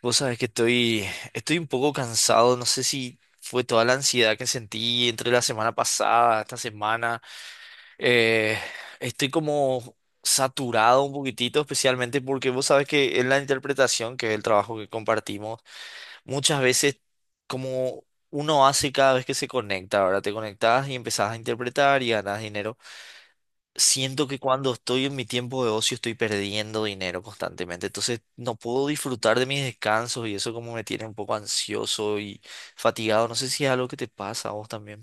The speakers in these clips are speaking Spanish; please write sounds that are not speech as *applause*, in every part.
Vos sabés que estoy un poco cansado, no sé si fue toda la ansiedad que sentí entre la semana pasada, esta semana. Eh, Estoy como saturado un poquitito, especialmente porque vos sabés que en la interpretación, que es el trabajo que compartimos, muchas veces como uno hace cada vez que se conecta, ahora te conectás y empezás a interpretar y ganas dinero, siento que cuando estoy en mi tiempo de ocio estoy perdiendo dinero constantemente, entonces no puedo disfrutar de mis descansos y eso como me tiene un poco ansioso y fatigado. No sé si es algo que te pasa a vos también.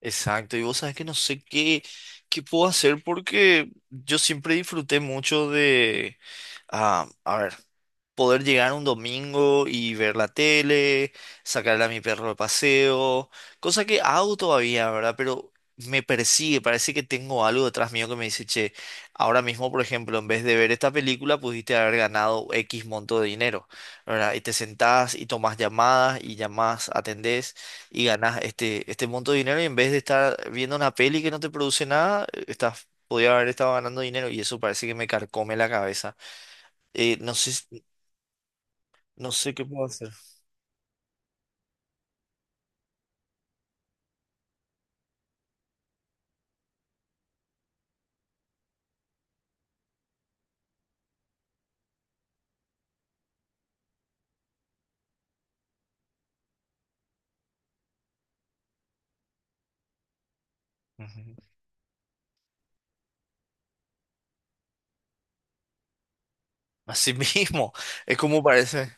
Exacto, y vos sabes que no sé qué, qué puedo hacer porque yo siempre disfruté mucho de, ah, a ver, poder llegar un domingo y ver la tele, sacarle a mi perro de paseo, cosa que hago todavía, ¿verdad? Pero me persigue, parece que tengo algo detrás mío que me dice, che, ahora mismo, por ejemplo, en vez de ver esta película, pudiste haber ganado X monto de dinero, ¿verdad? Y te sentás y tomás llamadas y llamás, atendés y ganás este monto de dinero y en vez de estar viendo una peli que no te produce nada, estás... Podría haber estado ganando dinero y eso parece que me carcome la cabeza. Eh, no sé, no sé qué puedo hacer. Ujú. Así *laughs* mismo, es como parece.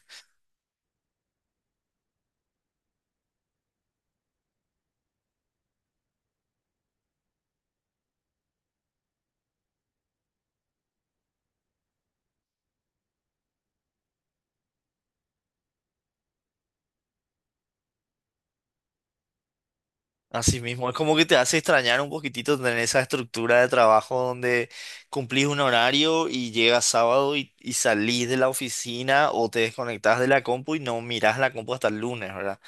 Así mismo, es como que te hace extrañar un poquitito tener esa estructura de trabajo donde cumplís un horario y llegas sábado y salís de la oficina o te desconectás de la compu y no mirás la compu hasta el lunes, ¿verdad?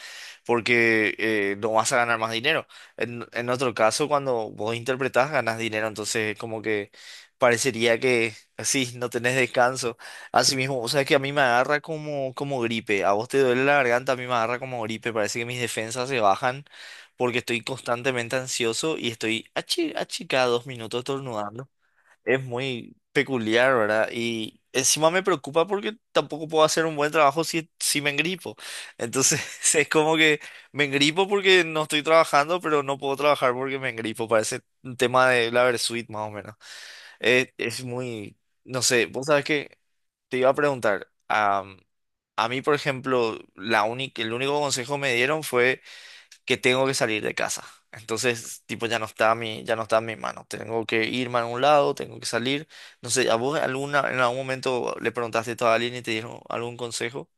Porque no vas a ganar más dinero. En otro caso, cuando vos interpretás, ganas dinero, entonces como que parecería que sí, no tenés descanso. Así mismo, o sea, que a mí me agarra como gripe, a vos te duele la garganta, a mí me agarra como gripe, parece que mis defensas se bajan porque estoy constantemente ansioso y estoy achi, achica dos minutos estornudando. Es muy peculiar, ¿verdad? Y encima me preocupa porque tampoco puedo hacer un buen trabajo si me engripo. Entonces *laughs* es como que me engripo porque no estoy trabajando, pero no puedo trabajar porque me engripo. Parece un tema de la Versuit más o menos. Es muy, no sé, vos sabés que te iba a preguntar, a mí, por ejemplo, el único consejo que me dieron fue que tengo que salir de casa. Entonces, tipo, ya no está en mi mano. Tengo que irme a un lado, tengo que salir. No sé, ¿a vos alguna, en algún momento le preguntaste esto a alguien y te dieron algún consejo?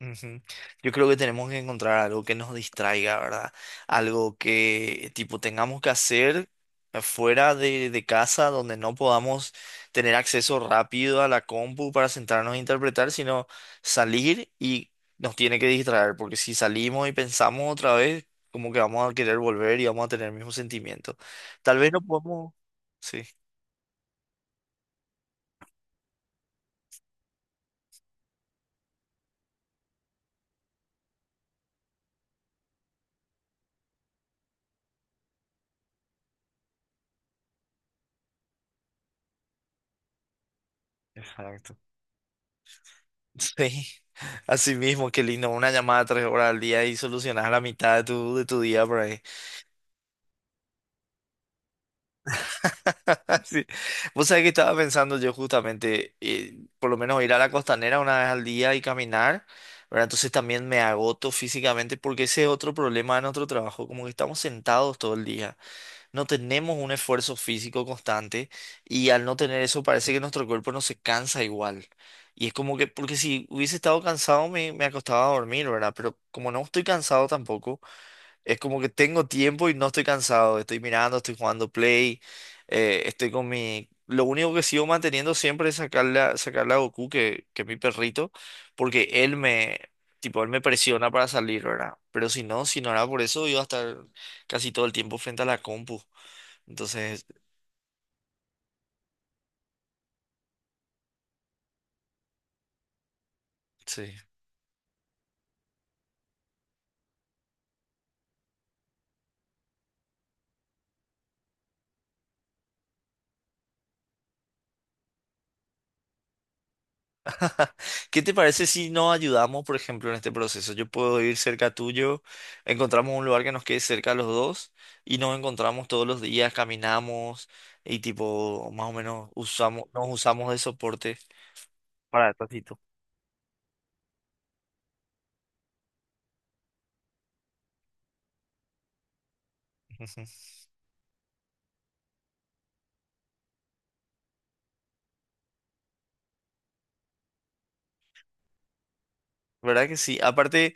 Ujú. Yo creo que tenemos que encontrar algo que nos distraiga, ¿verdad? Algo que tipo tengamos que hacer fuera de casa, donde no podamos tener acceso rápido a la compu para sentarnos a interpretar, sino salir y nos tiene que distraer, porque si salimos y pensamos otra vez, como que vamos a querer volver y vamos a tener el mismo sentimiento. Tal vez no podemos... Sí. Exacto. Sí, así mismo, qué lindo. Una llamada 3 horas al día y solucionas la mitad de tu día por ahí. *laughs* Sí. Vos sabés que estaba pensando yo justamente, por lo menos ir a la costanera una vez al día y caminar, ¿verdad? Entonces también me agoto físicamente porque ese es otro problema de nuestro trabajo, como que estamos sentados todo el día. No tenemos un esfuerzo físico constante y al no tener eso parece que nuestro cuerpo no se cansa igual. Y es como que, porque si hubiese estado cansado me acostaba a dormir, ¿verdad? Pero como no estoy cansado tampoco, es como que tengo tiempo y no estoy cansado. Estoy mirando, estoy jugando play, estoy con mi... Lo único que sigo manteniendo siempre es sacarle a Goku, que es mi perrito, porque tipo, él me presiona para salir, ¿verdad? Pero si no, si no era por eso, iba a estar casi todo el tiempo frente a la compu. Entonces, sí. *laughs* ¿Qué te parece si nos ayudamos, por ejemplo, en este proceso? Yo puedo ir cerca tuyo, encontramos un lugar que nos quede cerca a los dos y nos encontramos todos los días, caminamos y tipo, más o menos usamos, nos usamos de soporte para el ratito. *laughs* ¿Verdad que sí? Aparte,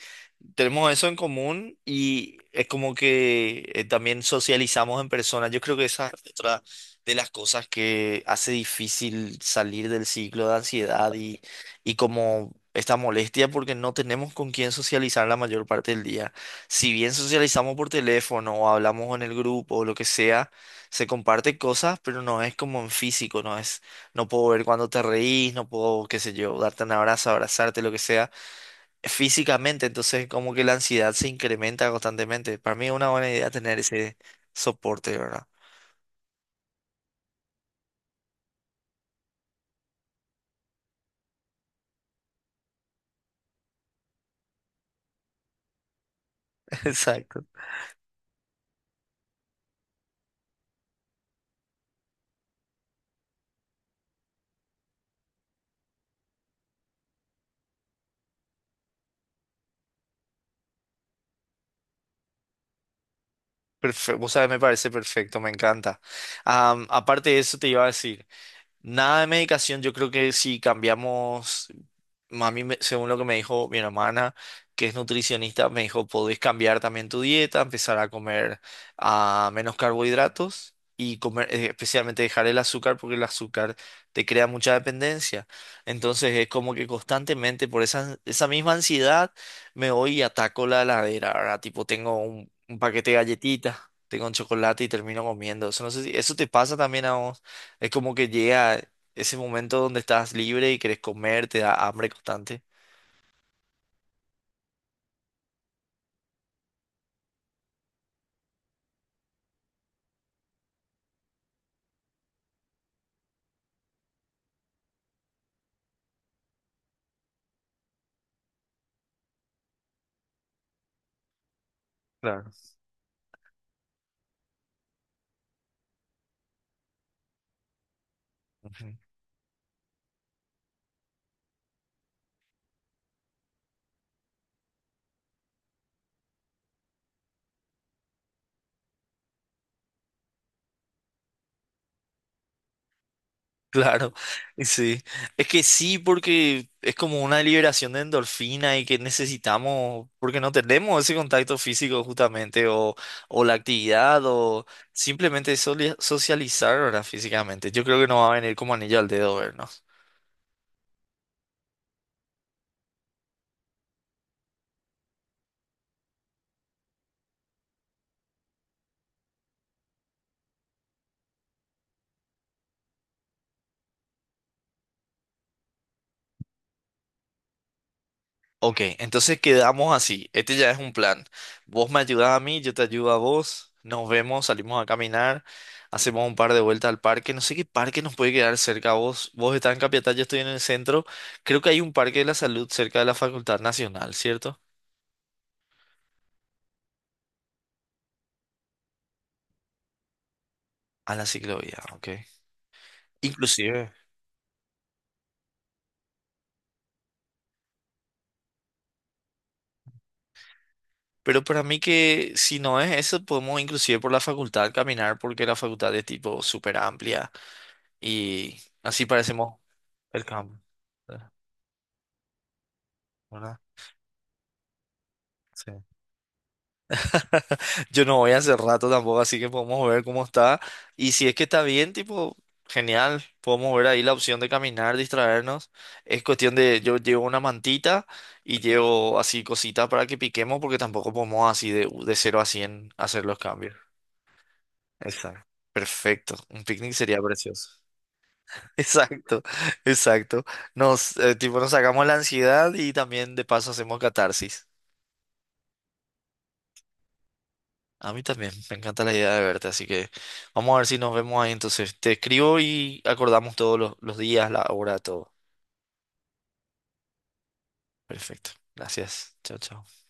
tenemos eso en común y es como que también socializamos en persona. Yo creo que esa es otra de las cosas que hace difícil salir del ciclo de y como esta molestia porque no tenemos con quién socializar la mayor parte del día. Si bien socializamos por teléfono o hablamos en el grupo o lo que sea, se comparte cosas, pero no es como en físico, no puedo ver cuando te reís, no puedo, qué sé yo, darte un abrazo, abrazarte, lo que sea físicamente, entonces como que la ansiedad se incrementa constantemente. Para mí es una buena idea tener ese soporte, ¿verdad? *laughs* Exacto. Perfecto. Vos sabés, me parece perfecto, me encanta. Aparte de eso, te iba a decir. Nada de medicación, yo creo que si cambiamos, según lo que me dijo mi hermana, que es nutricionista, me dijo, podés cambiar también tu dieta, empezar a comer, ah, menos carbohidratos y comer, especialmente dejar el azúcar porque el azúcar te crea mucha dependencia. Entonces es como que constantemente por esa misma ansiedad me voy y ataco la heladera, ¿verdad? Tipo, tengo un paquete de galletitas, tengo un chocolate y termino comiendo. Eso no sé si, ¿eso te pasa también a vos? Es como que llega ese momento donde estás libre y querés comer, te da hambre constante. Claro. Ujú. Claro, *laughs* sí. Es que sí, porque es como una liberación de endorfina y que necesitamos, porque no tenemos ese contacto físico justamente, o la actividad, o simplemente soli- socializar ahora físicamente. Yo creo que nos va a venir como anillo al dedo vernos. Ok, entonces quedamos así. Este ya es un plan. Vos me ayudás a mí, yo te ayudo a vos. Nos vemos, salimos a caminar, hacemos un par de vueltas al parque. No sé qué parque nos puede quedar cerca a vos. Vos estás en Capiatá, yo estoy en el centro. Creo que hay un parque de la salud cerca de la Facultad Nacional, ¿cierto? A la ciclovía, ok. Inclusive. Pero para mí que si no es eso, podemos inclusive por la facultad caminar porque la facultad es tipo súper amplia y así parecemos el campo. ¿Verdad? Sí. *laughs* Yo no voy hace rato tampoco, así que podemos ver cómo está. Y si es que está bien, tipo, genial. Podemos ver ahí la opción de caminar, distraernos. Es cuestión de, yo llevo una mantita y llevo así cositas para que piquemos, porque tampoco podemos así de 0 a 100 hacer los cambios. Exacto. Perfecto. Un picnic sería precioso. *laughs* Exacto, exacto. Tipo, nos sacamos la ansiedad y también de paso hacemos catarsis. A mí también, me encanta la idea de verte, así que vamos a ver si nos vemos ahí entonces. Te escribo y acordamos los días, la hora, todo. Perfecto. Gracias. Chao, chao.